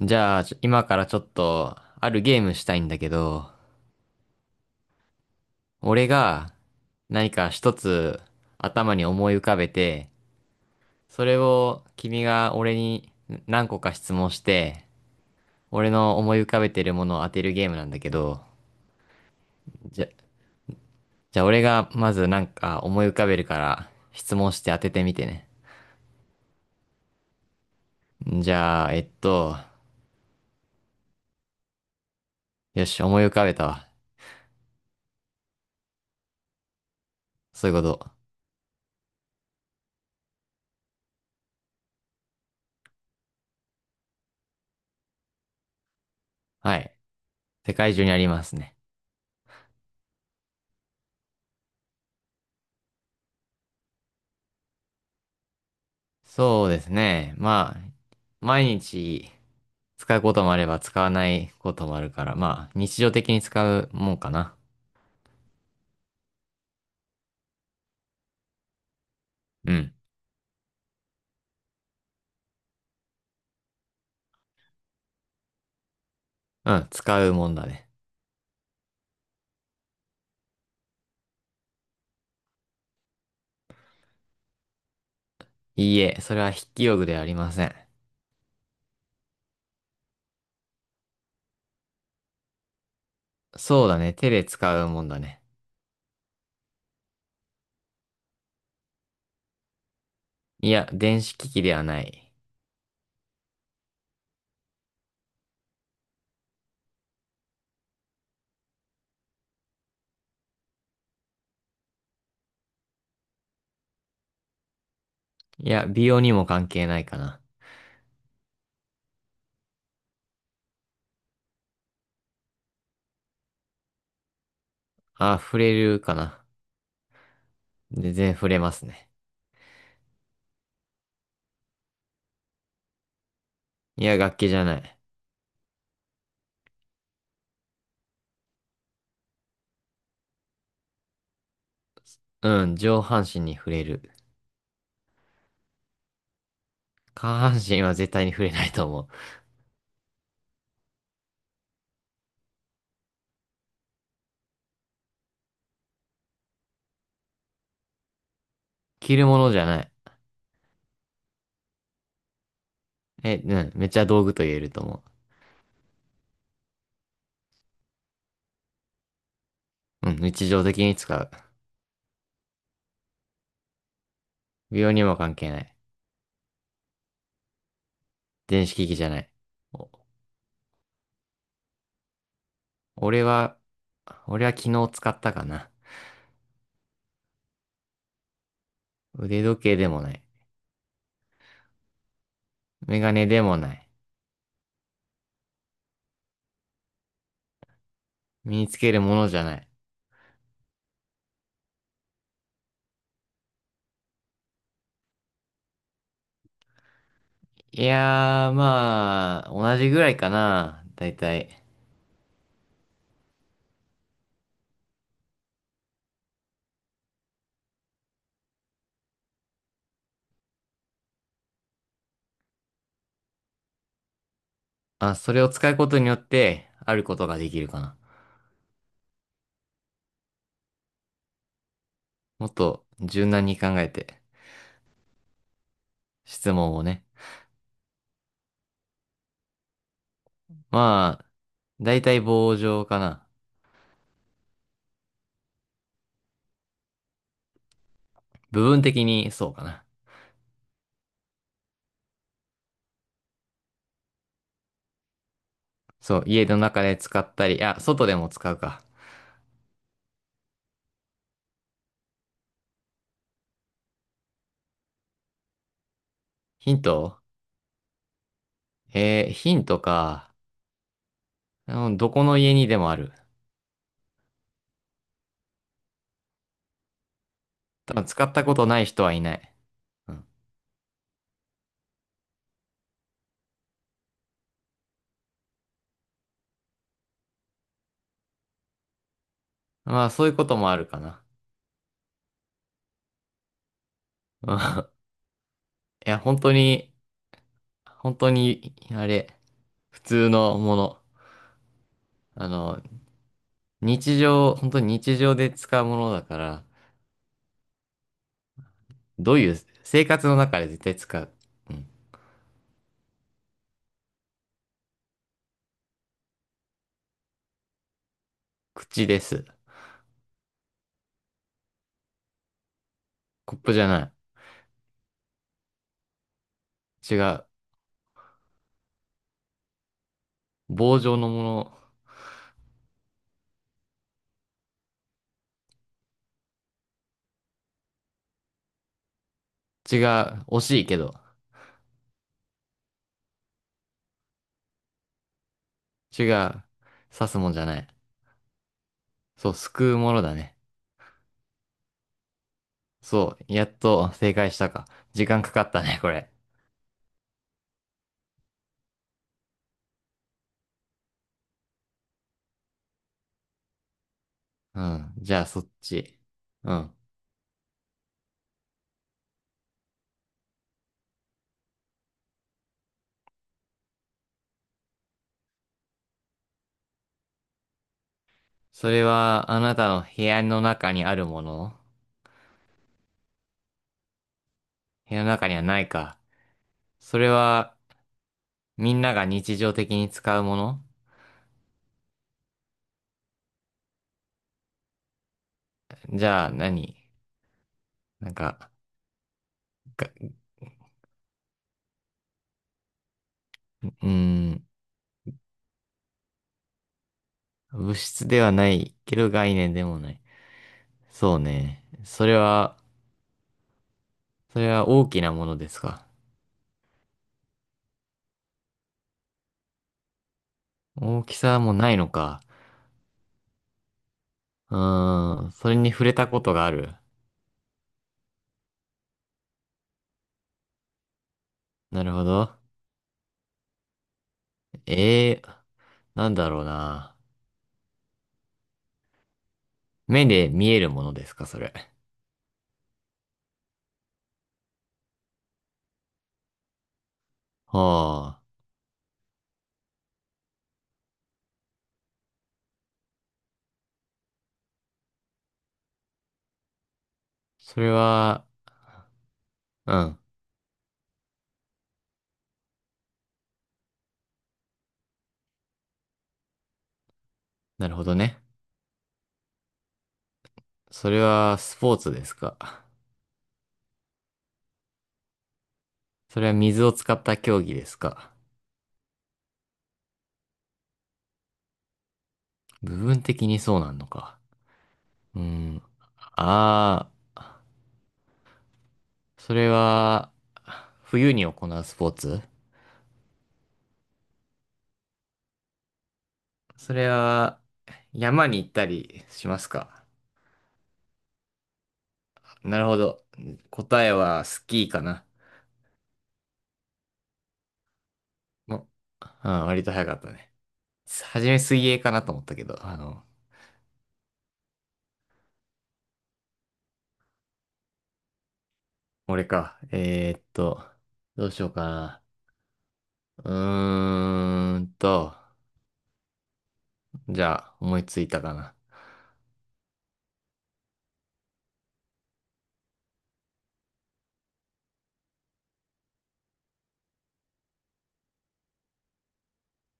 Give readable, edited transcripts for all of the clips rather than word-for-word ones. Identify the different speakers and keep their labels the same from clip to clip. Speaker 1: じゃあ、今からちょっと、あるゲームしたいんだけど、俺が何か一つ頭に思い浮かべて、それを君が俺に何個か質問して、俺の思い浮かべてるものを当てるゲームなんだけど、じゃ、じゃあ俺がまずなんか思い浮かべるから質問して当ててみてね。じゃあ、よし、思い浮かべたわ。そういうこと。はい。世界中にありますね。そうですね。まあ、毎日、使うこともあれば使わないこともあるから、まあ、日常的に使うもんかな。うん。うん、使うもんだね。いいえ、それは筆記用具ではありません。そうだね、手で使うもんだね。いや、電子機器ではない。いや、美容にも関係ないかな。あ、触れるかな。全然触れますね。いや、楽器じゃない。うん、上半身に触れる。下半身は絶対に触れないと思う。着るものじゃない。え、うん、めっちゃ道具と言えると思う。うん、日常的に使う。美容にも関係ない。電子機器じゃない。お。俺は、俺は昨日使ったかな。腕時計でもない。メガネでもない。身につけるものじゃない。いやー、まあ、同じぐらいかな。だいたい。あ、それを使うことによって、あることができるかな。もっと柔軟に考えて、質問をね。まあ、だいたい棒状かな。部分的にそうかな。そう、家の中で使ったり、あ、外でも使うか。ヒント。ヒントか。うん、どこの家にでもある。多分使ったことない人はいない。うん。まあ、そういうこともあるかな。うん。いや、本当に、本当に、あれ、普通のもの。あの、日常、本当に日常で使うものだから、どういう、生活の中で絶対使う。うん。口です。コップじゃない。違う。棒状のもの。違う。惜しいけど。違う。刺すもんじゃない。そう、すくうものだね。そう、やっと正解したか。時間かかったね、これ。うん。じゃあ、そっち。うん。それは、あなたの部屋の中にあるもの。部屋の中にはないか。それは、みんなが日常的に使うもの。じゃあ何、なんか、が、うーん、物質ではないけど概念でもない。そうね。それは、それは大きなものですか。大きさもないのか。うーん、それに触れたことがある。なるほど。ええー、なんだろうな。目で見えるものですか、それ。はあ。それは、うん。なるほどね。それはスポーツですか。それは水を使った競技ですか。部分的にそうなんのか。うん。ああ、それは、冬に行うスポーツ。それは、山に行ったりしますか。なるほど。答えはスキーかな。も、うん、割と早かったね。はじめ水泳かなと思ったけど、俺か。どうしようかな。うーんと、じゃあ、思いついたかな。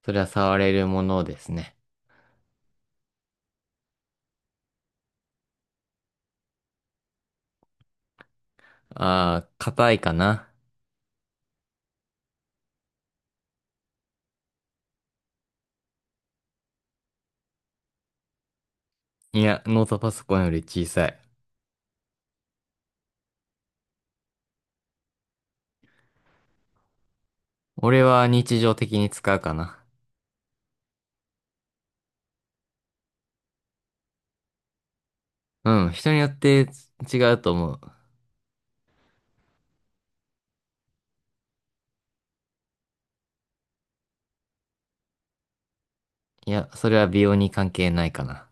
Speaker 1: それは触れるものですね。あー、硬いかな。いや、ノートパソコンより小さい。俺は日常的に使うかな。うん、人によって違うと思う。いや、それは美容に関係ないかな。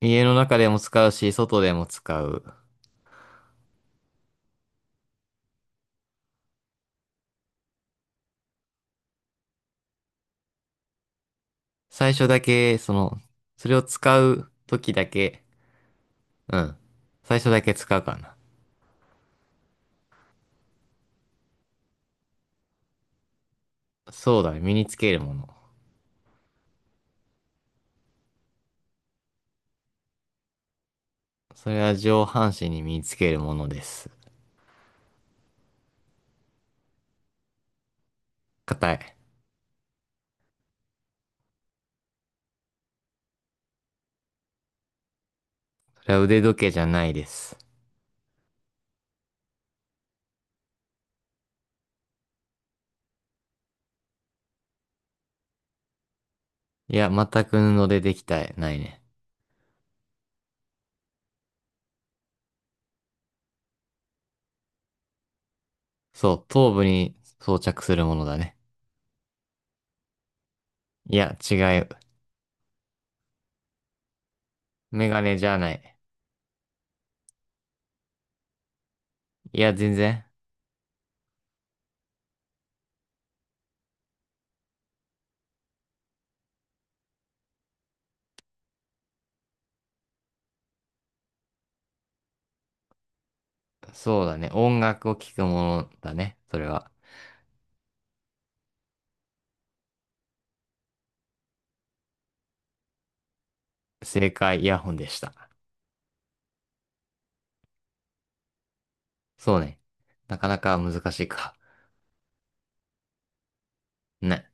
Speaker 1: 家の中でも使うし、外でも使う。最初だけ、その、それを使う時だけ、うん。最初だけ使うかな。そうだ、ね、身につけるもの。それは上半身に身につけるものです。硬い。それは腕時計じゃないです。いや、全く布でできた、ないね。そう、頭部に装着するものだね。いや、違う。メガネじゃない。いや、全然。そうだね。音楽を聴くものだね。それは。正解、イヤホンでした。そうね。なかなか難しいか。ね。